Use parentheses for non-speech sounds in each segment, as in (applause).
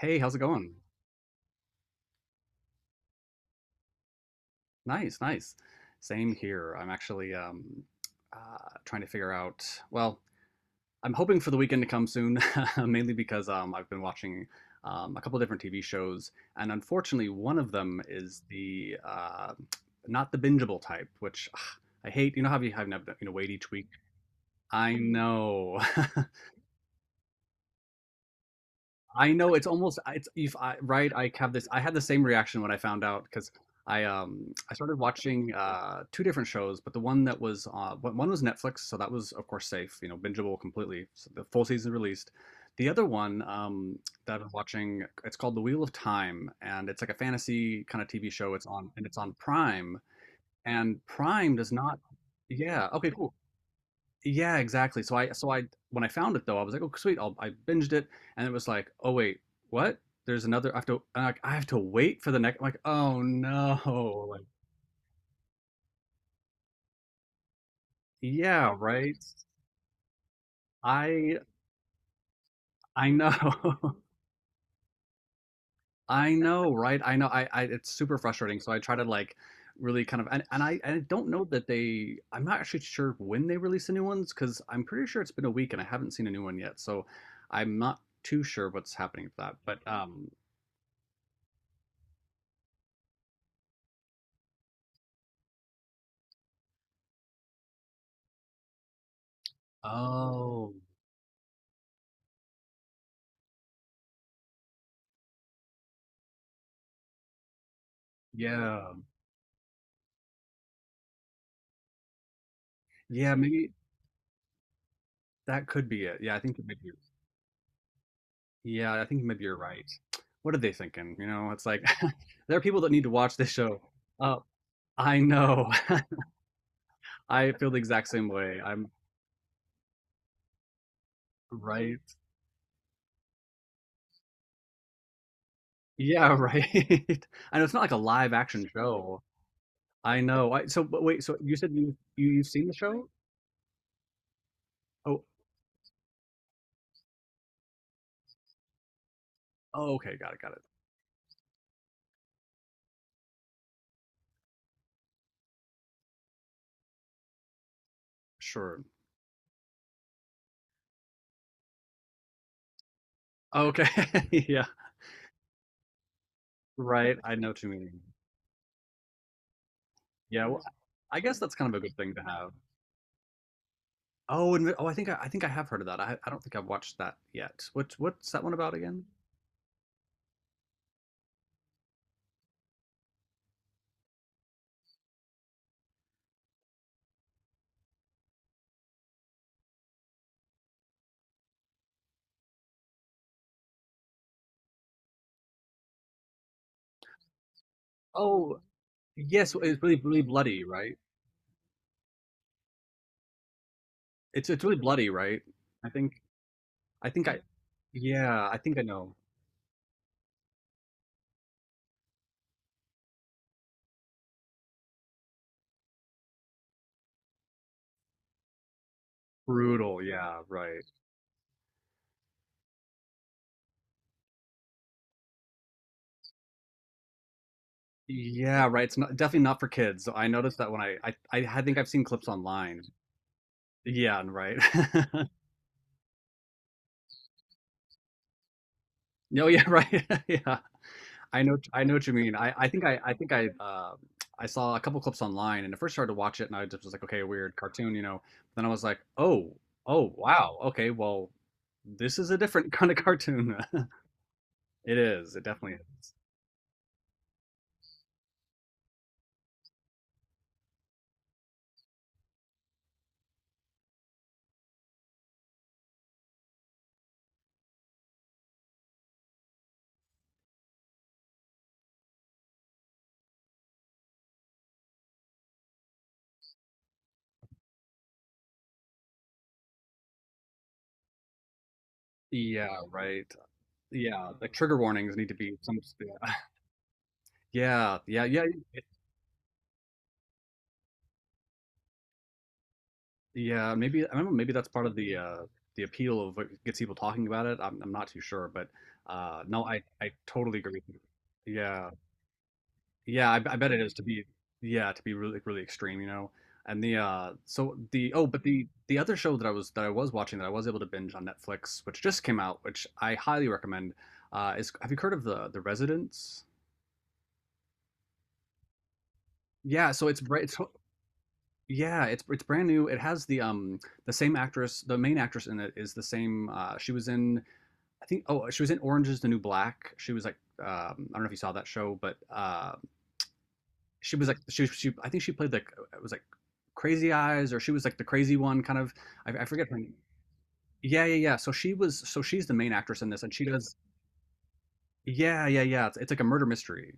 Hey, how's it going? Nice, nice. Same here. I'm actually uh, trying to figure out. Well, I'm hoping for the weekend to come soon, (laughs) mainly because I've been watching a couple different TV shows, and unfortunately, one of them is the not the bingeable type, which ugh, I hate. You know how you know wait each week? I know. (laughs) I know it's almost it's if I right I have this I had the same reaction when I found out because I started watching two different shows, but the one that was one one was Netflix, so that was of course safe, you know, bingeable completely, so the full season released. The other one, that I was watching, it's called The Wheel of Time, and it's like a fantasy kind of TV show. It's on Prime, and Prime does not, yeah, okay, cool, yeah, exactly. So I when I found it, though, I was like, oh sweet, I'll, I binged it, and it was like, oh wait, what? There's another. I have to wait for the next. Like, oh no. Like, yeah, right. I I know. (laughs) I know, right? I know. I, it's super frustrating. So I try to like really kind of and I don't know that they. I'm not actually sure when they release the new ones, because I'm pretty sure it's been a week and I haven't seen a new one yet. So I'm not too sure what's happening with that. But Oh. Yeah. Yeah, maybe that could be it. Yeah, I think maybe you're Yeah, I think maybe you're right. What are they thinking? You know, it's like (laughs) there are people that need to watch this show. Uh, I know. (laughs) I feel the exact same way. I'm right. Yeah, right. (laughs) I know it's not like a live action show. I know. I, so, but wait, so you said you've seen the show? Oh, oh, okay, got it, got it. Sure. Okay. (laughs) Yeah, right. I know what you mean. Yeah, well, I guess that's kind of a good thing to have. Oh, and oh, I think I have heard of that. I don't think I've watched that yet. What's that one about again? Oh, yes, it's really really bloody, right? It's really bloody, right? I think I think I yeah, I think I know. Brutal, yeah, right. Yeah, right. It's not definitely not for kids. I noticed that when I think I've seen clips online. Yeah, and right. (laughs) No, yeah, right. (laughs) Yeah. I know what you mean. I saw a couple clips online, and at first started to watch it, and I just was like, okay, weird cartoon, you know. Then I was like, oh, oh, wow, okay, well, this is a different (laughs) kind of cartoon. (laughs) It is. It definitely is. Yeah, right. Yeah, the trigger warnings need to be some. Yeah, (laughs) yeah, yeah, yeah. it- yeah, maybe I don't know. Maybe that's part of the appeal of what gets people talking about it. I'm not too sure, but no, I totally agree with you. Yeah. Yeah, I bet it is to be yeah, to be really really extreme, you know. And the so the oh, but the other show that I was watching, that I was able to binge on Netflix, which just came out, which I highly recommend, is, have you heard of The Residents? Yeah, so it's yeah, it's brand new. It has the same actress. The main actress in it is the same, she was in, I think, oh, she was in Orange is the New Black. She was like, I don't know if you saw that show, but she was like, she I think she played like, it was like, Crazy Eyes, or she was like the crazy one kind of. I forget her name. Yeah, yeah, yeah. So she was, so she's the main actress in this, and she does yeah, yeah, yeah. It's like a murder mystery.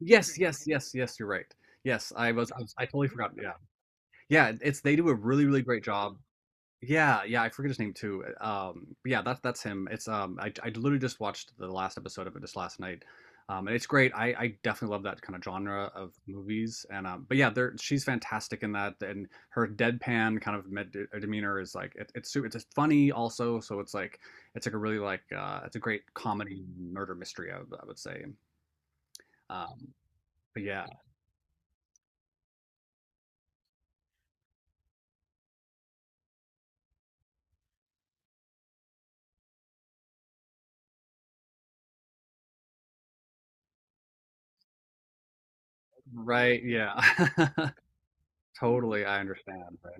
Yes, yes, yes, yes, you're right. Yes, I totally forgot. Yeah. Yeah, it's they do a really really great job. Yeah, yeah, I forget his name too. But yeah, that's him. It's I literally just watched the last episode of it just last night, and it's great. I definitely love that kind of genre of movies, and but yeah, there, she's fantastic in that, and her deadpan kind of demeanor is like, it's just funny also. So it's like a really like it's a great comedy murder mystery. I would say. Um, but yeah, right, yeah, (laughs) totally. I understand. Right,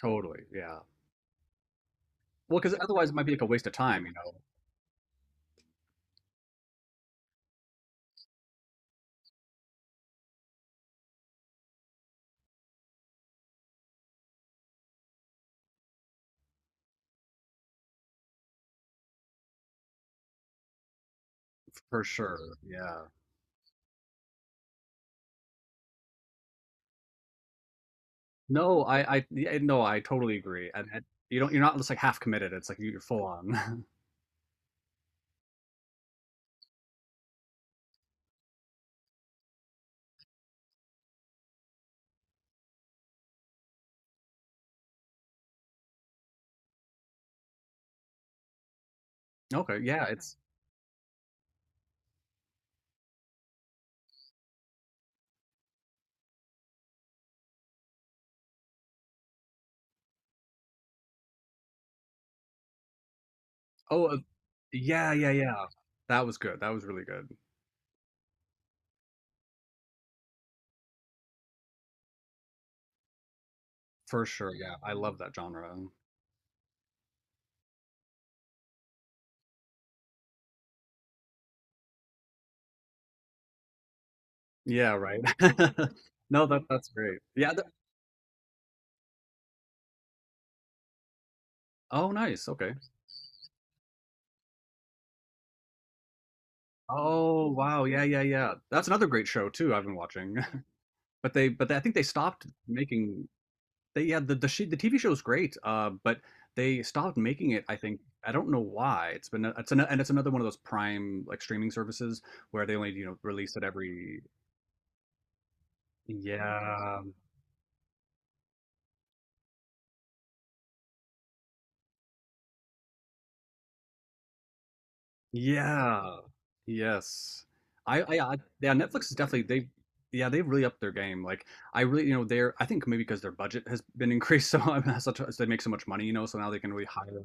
totally. Yeah. Well, because otherwise it might be like a waste of time, you know. For sure, yeah. No, I yeah, no, I totally agree, and you don't, you're not just like half committed, it's like you, you're full on. (laughs) Okay, yeah, it's oh, yeah, yeah, yeah. That was good, that was really good. For sure, yeah, I love that genre. Yeah, right. (laughs) No, that that's great. Yeah, the oh, nice, okay. Oh, wow, yeah, yeah, yeah. That's another great show too I've been watching. (laughs) But they, I think they stopped making. They yeah, the TV show's great, but they stopped making it, I think. I don't know why. It's been it's an, and it's another one of those Prime like streaming services, where they only, you know, release it every yeah. Yeah. Yes. I yeah, Netflix is definitely they yeah, they've really upped their game. Like I really, you know, they're I think maybe because their budget has been increased (laughs) so, I mean, such, so they make so much money, you know, so now they can really hire.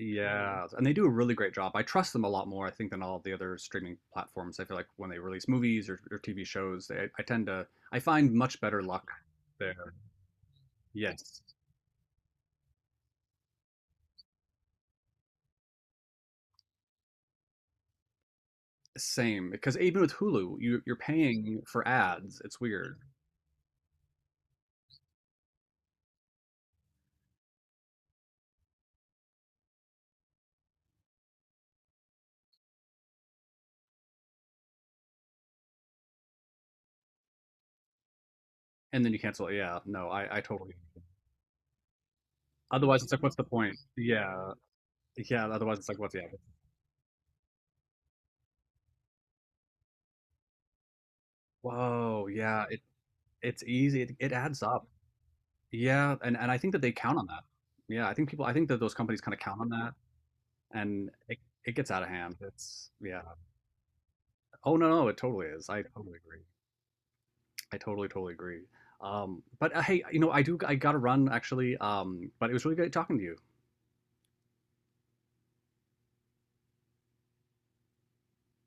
Yeah, and they do a really great job. I trust them a lot more, I think, than all the other streaming platforms. I feel like when they release movies or TV shows, they, I tend to, I find much better luck there. Yes, same. Because even with Hulu, you, you're paying for ads. It's weird, and then you cancel it. Yeah, no, I totally. Otherwise, it's like, what's the point? Yeah, yeah. Otherwise, it's like, what's the average? Whoa, yeah. It it's easy. It adds up. Yeah, and I think that they count on that. Yeah, I think people. I think that those companies kind of count on that. and it, it gets out of hand. It's yeah. Oh no, no, it totally is. I totally agree. I totally totally agree. But Hey, you know, I do. I got to run actually. But it was really great talking to you.